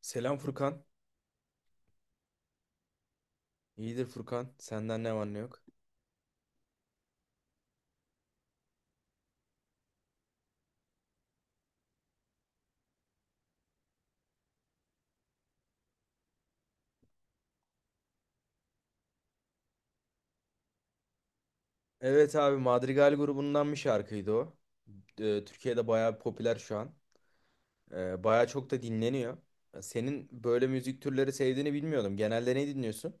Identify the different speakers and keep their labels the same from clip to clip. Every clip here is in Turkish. Speaker 1: Selam Furkan. İyidir Furkan. Senden ne var ne yok. Evet abi Madrigal grubundan bir şarkıydı o. Türkiye'de bayağı popüler şu an. Bayağı çok da dinleniyor. Senin böyle müzik türleri sevdiğini bilmiyordum. Genelde ne dinliyorsun?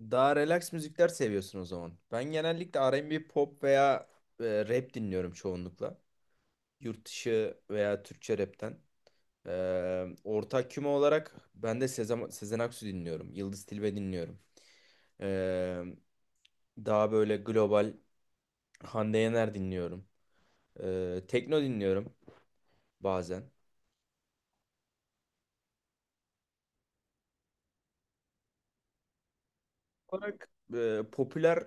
Speaker 1: Daha relax müzikler seviyorsun o zaman. Ben genellikle R&B, pop veya rap dinliyorum çoğunlukla. Yurt dışı veya Türkçe rapten. Ortak küme olarak ben de Sezen Aksu dinliyorum. Yıldız Tilbe dinliyorum. Ee, Daha böyle global Hande Yener dinliyorum. Tekno dinliyorum bazen. Olarak popüler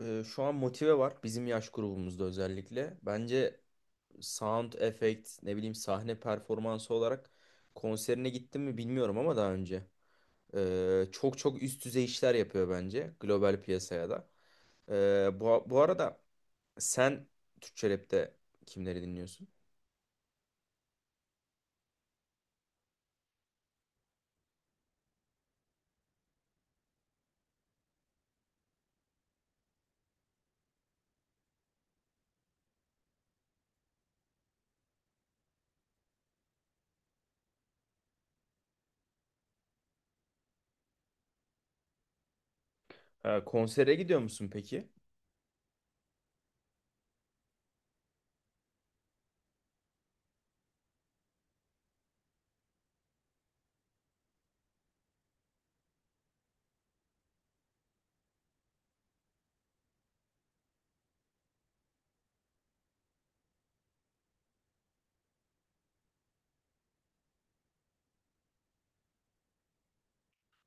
Speaker 1: şu an Motive var bizim yaş grubumuzda özellikle. Bence sound effect ne bileyim sahne performansı olarak konserine gittim mi bilmiyorum ama daha önce. Çok çok üst düzey işler yapıyor bence global piyasaya da. Bu arada sen Türkçe rapte kimleri dinliyorsun? Konsere gidiyor musun peki?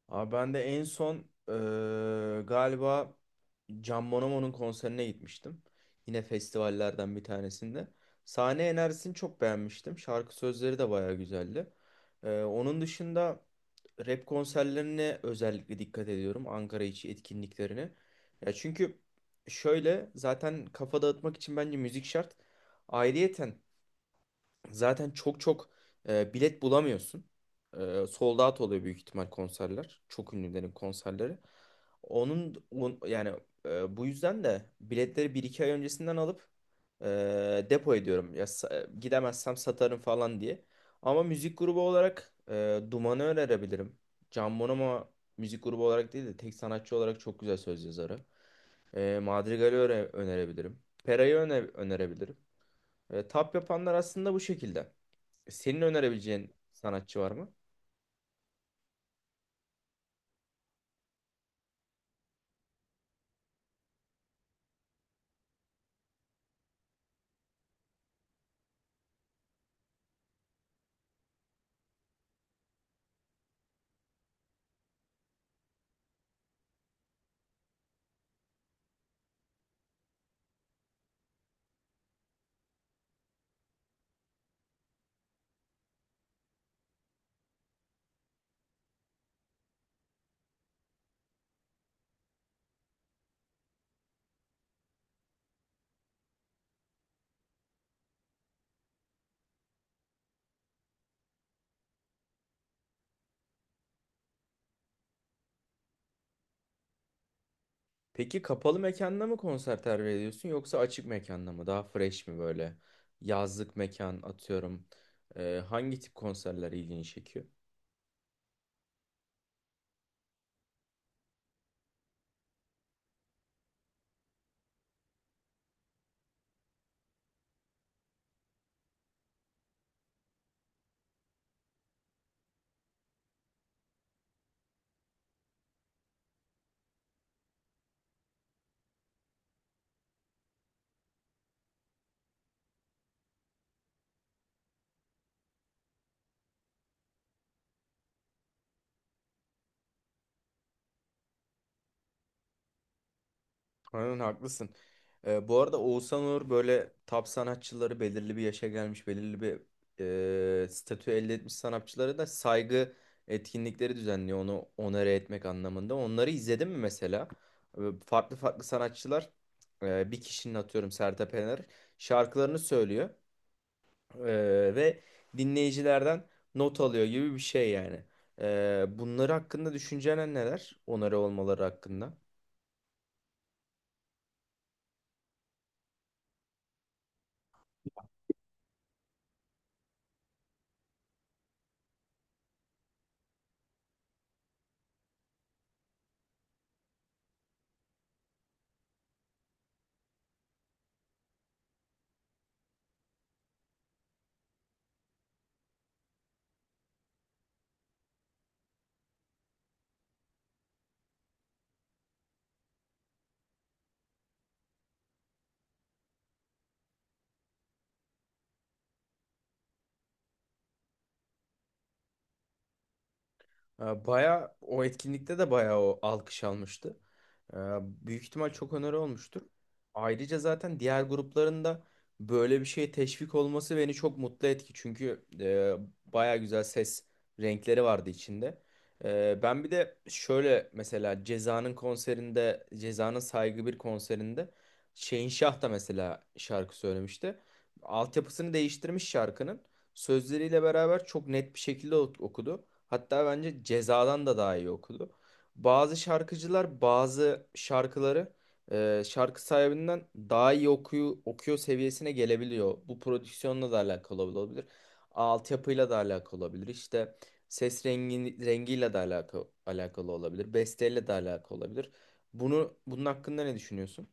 Speaker 1: Abi ben de en son galiba Can Bonomo'nun konserine gitmiştim. Yine festivallerden bir tanesinde. Sahne enerjisini çok beğenmiştim. Şarkı sözleri de bayağı güzeldi. Onun dışında rap konserlerine özellikle dikkat ediyorum. Ankara içi etkinliklerine. Ya çünkü şöyle zaten kafa dağıtmak için bence müzik şart. Ayrıyeten zaten çok çok bilet bulamıyorsun. Sold out oluyor büyük ihtimal konserler. Çok ünlülerin konserleri. Yani bu yüzden de biletleri bir iki ay öncesinden alıp depo ediyorum. Gidemezsem satarım falan diye. Ama müzik grubu olarak Duman'ı önerebilirim. Can Bonomo müzik grubu olarak değil de tek sanatçı olarak çok güzel söz yazarı. Madrigal'i önerebilirim. Pera'yı önerebilirim. Tap yapanlar aslında bu şekilde. Senin önerebileceğin sanatçı var mı? Peki kapalı mekanda mı konser tercih ediyorsun yoksa açık mekanda mı? Daha fresh mi böyle? Yazlık mekan atıyorum. Hangi tip konserler ilgini çekiyor? Aynen haklısın. Bu arada Oğuzhan Uğur böyle top sanatçıları belirli bir yaşa gelmiş, belirli bir statü elde etmiş sanatçılara da saygı etkinlikleri düzenliyor onu onore etmek anlamında. Onları izledin mi mesela? Farklı farklı sanatçılar bir kişinin atıyorum Sertab Erener şarkılarını söylüyor e, ve dinleyicilerden not alıyor gibi bir şey yani. Bunları hakkında düşüncen neler? Onore olmaları hakkında. Baya o etkinlikte de baya o alkış almıştı. Büyük ihtimal çok öneri olmuştur. Ayrıca zaten diğer gruplarında böyle bir şeye teşvik olması beni çok mutlu etti. Çünkü baya güzel ses renkleri vardı içinde. Ben bir de şöyle mesela Ceza'nın konserinde, Ceza'nın Saygı bir konserinde Şehinşah da mesela şarkı söylemişti. Altyapısını değiştirmiş şarkının sözleriyle beraber çok net bir şekilde okudu. Hatta bence Ceza'dan da daha iyi okudu. Bazı şarkıcılar bazı şarkıları şarkı sahibinden daha iyi okuyor seviyesine gelebiliyor. Bu prodüksiyonla da alakalı olabilir. Altyapıyla da alakalı olabilir. İşte ses rengiyle de alakalı olabilir. Besteyle de alakalı olabilir. Bunun hakkında ne düşünüyorsun?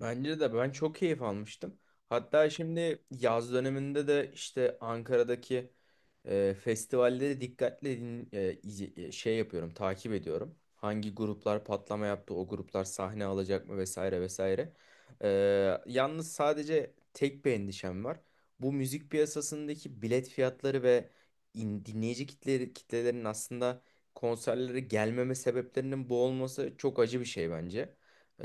Speaker 1: Bence de ben çok keyif almıştım. Hatta şimdi yaz döneminde de işte Ankara'daki festivalleri dikkatle din, e, izi- e, şey yapıyorum, takip ediyorum. Hangi gruplar patlama yaptı, o gruplar sahne alacak mı vesaire vesaire. E, Yalnız sadece tek bir endişem var. Bu müzik piyasasındaki bilet fiyatları ve dinleyici kitlelerin aslında konserlere gelmeme sebeplerinin bu olması çok acı bir şey bence.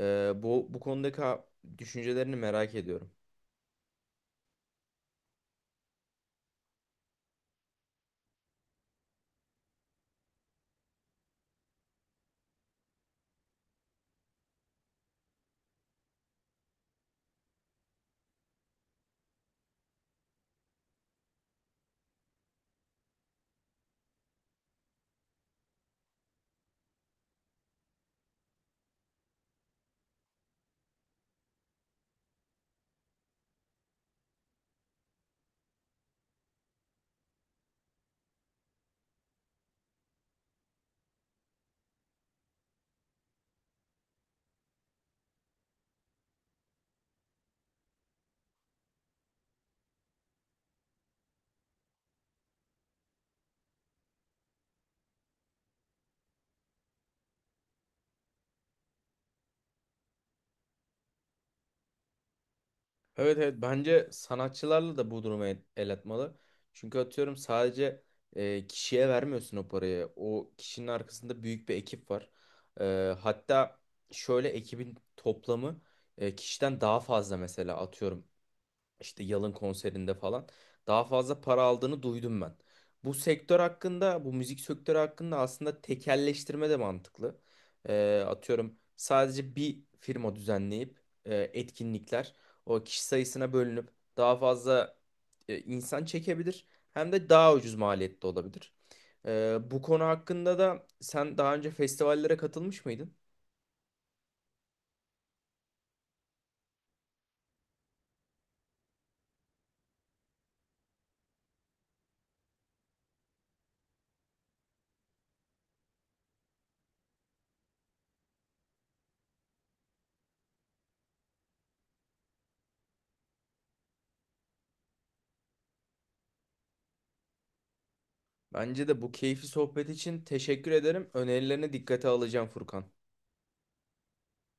Speaker 1: Bu konudaki düşüncelerini merak ediyorum. Evet, evet, bence sanatçılarla da bu duruma el atmalı. Çünkü atıyorum sadece kişiye vermiyorsun o parayı. O kişinin arkasında büyük bir ekip var. Hatta şöyle ekibin toplamı kişiden daha fazla mesela atıyorum. İşte Yalın konserinde falan daha fazla para aldığını duydum ben. Bu sektör hakkında, bu müzik sektörü hakkında aslında tekelleştirme de mantıklı. Atıyorum sadece bir firma düzenleyip etkinlikler o kişi sayısına bölünüp daha fazla insan çekebilir. Hem de daha ucuz maliyette olabilir. Bu konu hakkında da sen daha önce festivallere katılmış mıydın? Bence de bu keyifli sohbet için teşekkür ederim. Önerilerine dikkate alacağım Furkan.